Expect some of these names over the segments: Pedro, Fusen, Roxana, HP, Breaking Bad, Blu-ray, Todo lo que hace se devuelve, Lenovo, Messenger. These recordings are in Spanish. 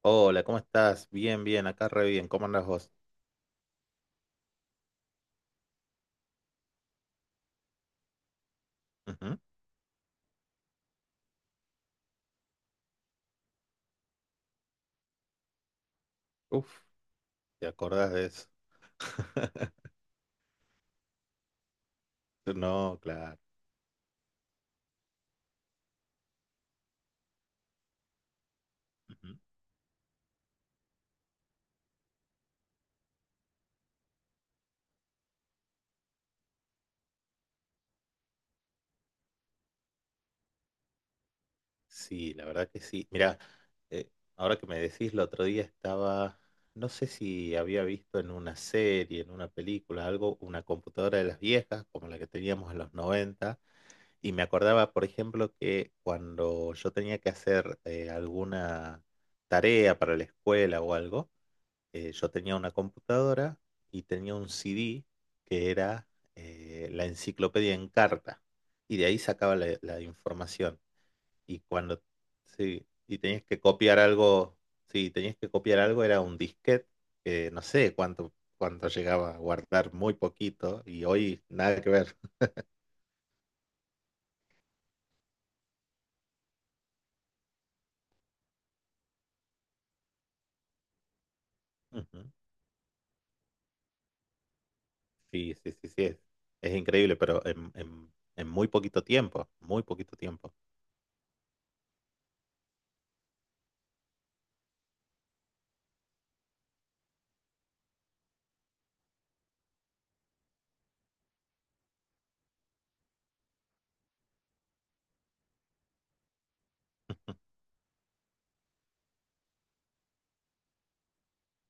Hola, ¿cómo estás? Bien, bien, acá re bien. ¿Cómo andás vos? Ujú. Uf, ¿te acordás de eso? No, claro. Ujú. Sí, la verdad que sí. Mirá, eh, ahora que me decís, el otro día estaba, no sé si había visto en una serie, en una película, algo, una computadora de las viejas, como la que teníamos en los 90, y me acordaba, por ejemplo, que cuando yo tenía que hacer alguna tarea para la escuela o algo, yo tenía una computadora y tenía un CD que era la enciclopedia en carta. Y de ahí sacaba la información. Y cuando sí, y tenías que copiar algo, sí tenías que copiar algo, era un disquete, que no sé cuánto llegaba a guardar, muy poquito, y hoy nada que ver. Ujú. Sí, sí, sí, sí, es increíble, pero en, en muy poquito tiempo, muy poquito tiempo.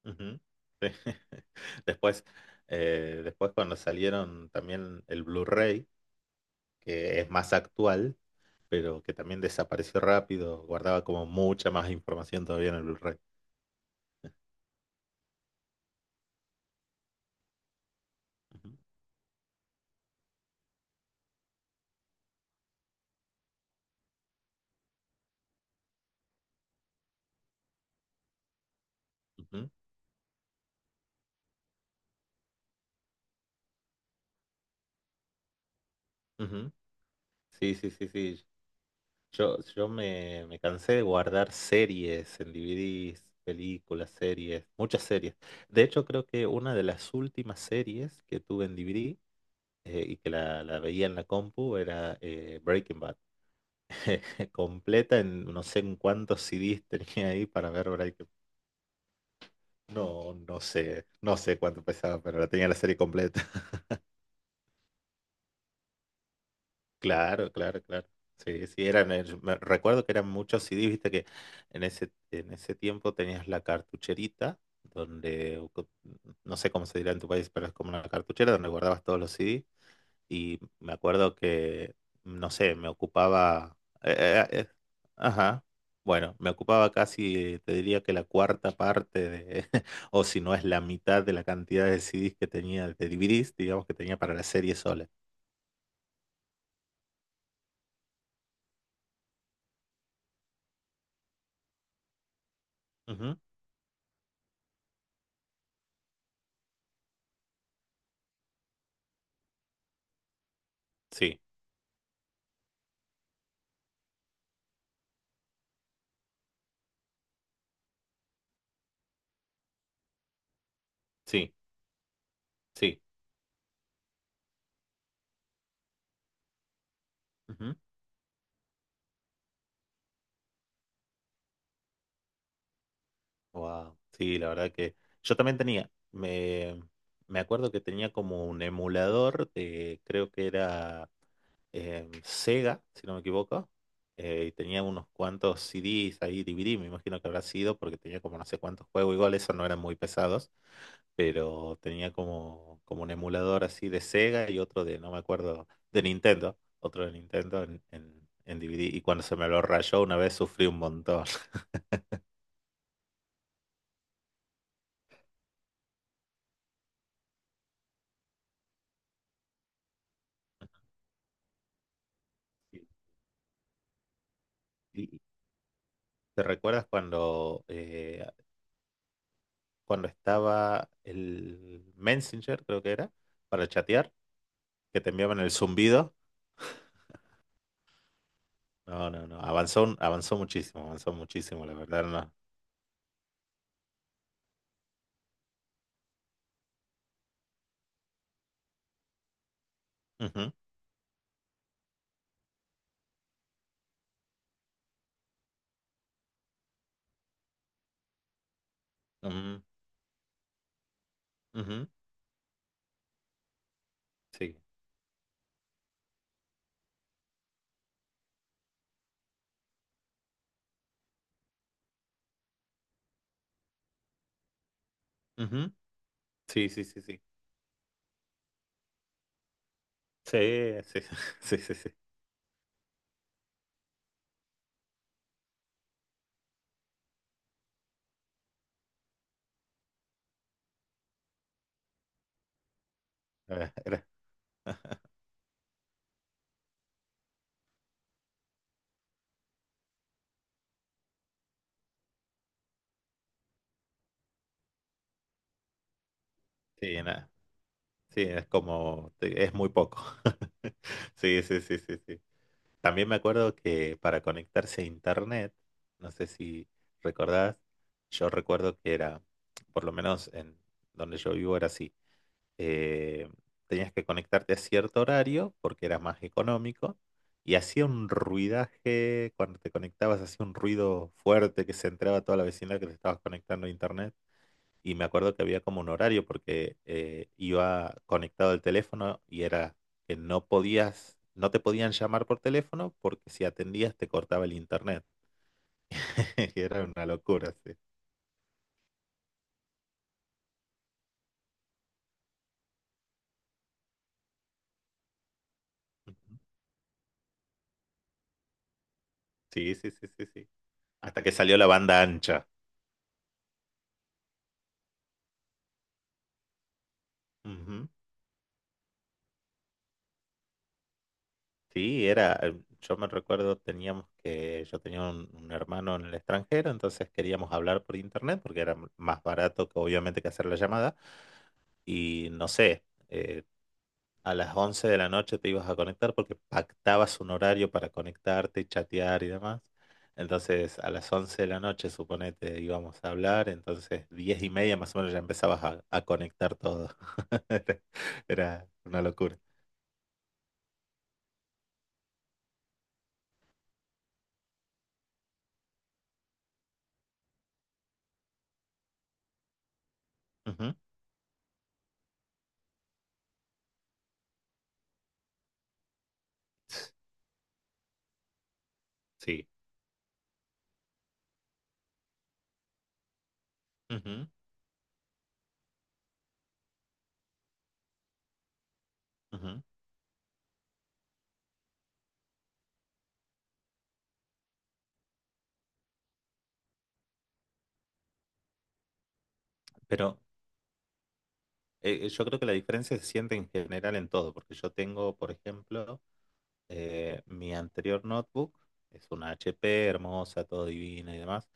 Ujú. Sí. Después, después, cuando salieron también el Blu-ray, que es más actual, pero que también desapareció rápido, guardaba como mucha más información todavía en el Blu-ray. Ujú, ujú, ujú. Sí, sí, sí, sí. Yo me cansé de guardar series en DVDs, películas, series, muchas series. De hecho, creo que una de las últimas series que tuve en DVD y que la veía en la compu era Breaking Bad. Completa en no sé en cuántos CDs tenía ahí para ver Breaking. No, no sé cuánto pesaba, pero la tenía la serie completa. Claro, claro, claro. Sí, sí, eran, recuerdo que eran muchos CDs, viste que en ese tiempo tenías la cartucherita, donde, no sé cómo se dirá en tu país, pero es como una cartuchera donde guardabas todos los CDs y me acuerdo que, no sé, me ocupaba, eh, eh, eh, eh, ajá, bueno, me ocupaba casi, te diría que la cuarta parte de, o si no es la mitad de la cantidad de CDs que tenía, de DVDs, digamos, que tenía para la serie sola. Ujú. Sí, sí, sí. Ujú. Wow, sí, la verdad que yo también tenía, me acuerdo que tenía como un emulador de, creo que era... Sega, si no me equivoco, y tenía unos cuantos CDs ahí, DVD, me imagino que habrá sido, porque tenía como no sé cuántos juegos, igual esos no eran muy pesados, pero tenía como un emulador así de Sega y otro de, no me acuerdo, de Nintendo, otro de Nintendo en DVD, y cuando se me lo rayó una vez sufrí un montón. y- ¿Te recuerdas cuando, cuando estaba el Messenger, creo que era, para chatear, que te enviaban el zumbido? No, no, no. Avanzó muchísimo, avanzó muchísimo, la verdad, no. Ujú, ujú, ujú, sí. Ujú. Sí, sí, sí, sí. Sí, sí, sí, sí, sí. Era- era- sí, nada. Sí, es como, es muy poco. Sí, sí, sí, sí, sí. También me acuerdo que para conectarse a internet, no sé si recordás, yo recuerdo que era, por lo menos en donde yo vivo era así. eh, tenías que conectarte a cierto horario porque era más económico y hacía un ruidaje, cuando te conectabas hacía un ruido fuerte que se entraba a toda la vecindad que te estabas conectando a internet y me acuerdo que había como un horario porque iba conectado el teléfono y era que no te podían llamar por teléfono porque si atendías te cortaba el internet. Era una locura, sí. Ujú. Sí, sí, sí, sí, sí. Hasta que salió la banda ancha. Ujú. Sí, yo me recuerdo, yo tenía un hermano en el extranjero, entonces queríamos hablar por internet porque era más barato que obviamente que hacer la llamada. Y no sé, a las 11 de la noche te ibas a conectar porque pactabas un horario para conectarte y chatear y demás. Entonces a las 11 de la noche, suponete, íbamos a hablar, entonces 10 y media más o menos ya empezabas a conectar todo. Era una locura. Ujú. Sí. Ujú, ujú. Pero yo creo que la diferencia se siente en general en todo, porque yo tengo, por ejemplo, mi anterior notebook, es una HP hermosa, todo divina y demás.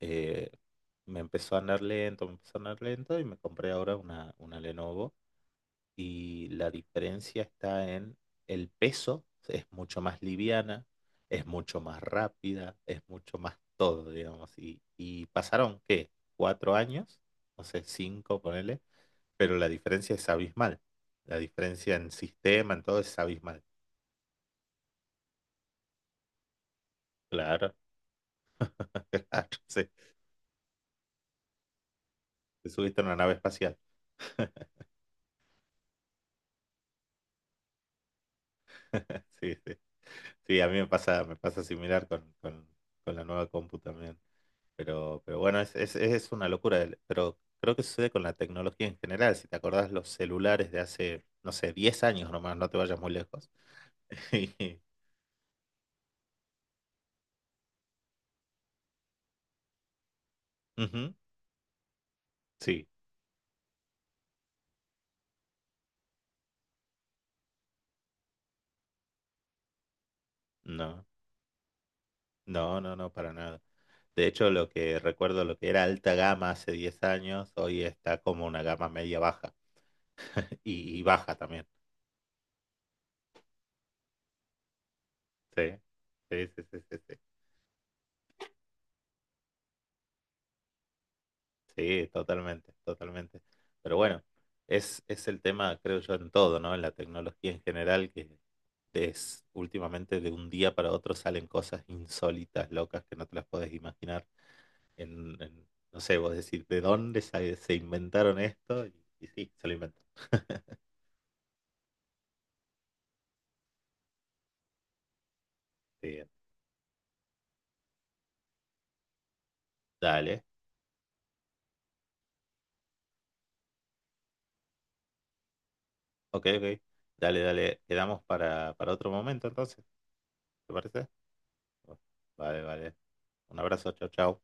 eh, me empezó a andar lento, me empezó a andar lento y me compré ahora una Lenovo. Y la diferencia está en el peso, es mucho más liviana, es mucho más rápida, es mucho más todo, digamos. Y pasaron, ¿qué? ¿Cuatro años? No sé, cinco, ponele, pero la diferencia es abismal. La diferencia en sistema, en todo es abismal. Claro, claro, sí. Te subiste a una nave espacial. Sí, sí. Sí, a mí me pasa similar con, con la nueva compu también. Pero bueno, es una locura. Pero creo que sucede con la tecnología en general. Si te acordás los celulares de hace, no sé, 10 años nomás, no te vayas muy lejos. Y- Ujú. Sí, no, no, no, no, para nada. De hecho, lo que recuerdo, lo que era alta gama hace 10 años, hoy está como una gama media baja y baja también. Sí, sí, sí, sí, sí, sí. Sí, totalmente, totalmente. Pero bueno, es el tema, creo yo, en todo, ¿no? En la tecnología en general, que es últimamente de un día para otro salen cosas insólitas, locas, que no te las podés imaginar. No sé, vos decir, ¿de dónde se inventaron esto? Y sí, se lo inventaron. Sí, dale. Ok, ok. Dale, dale. Quedamos para, otro momento entonces. ¿Te parece? Bueno, vale, vale. Un abrazo. Chao, chao.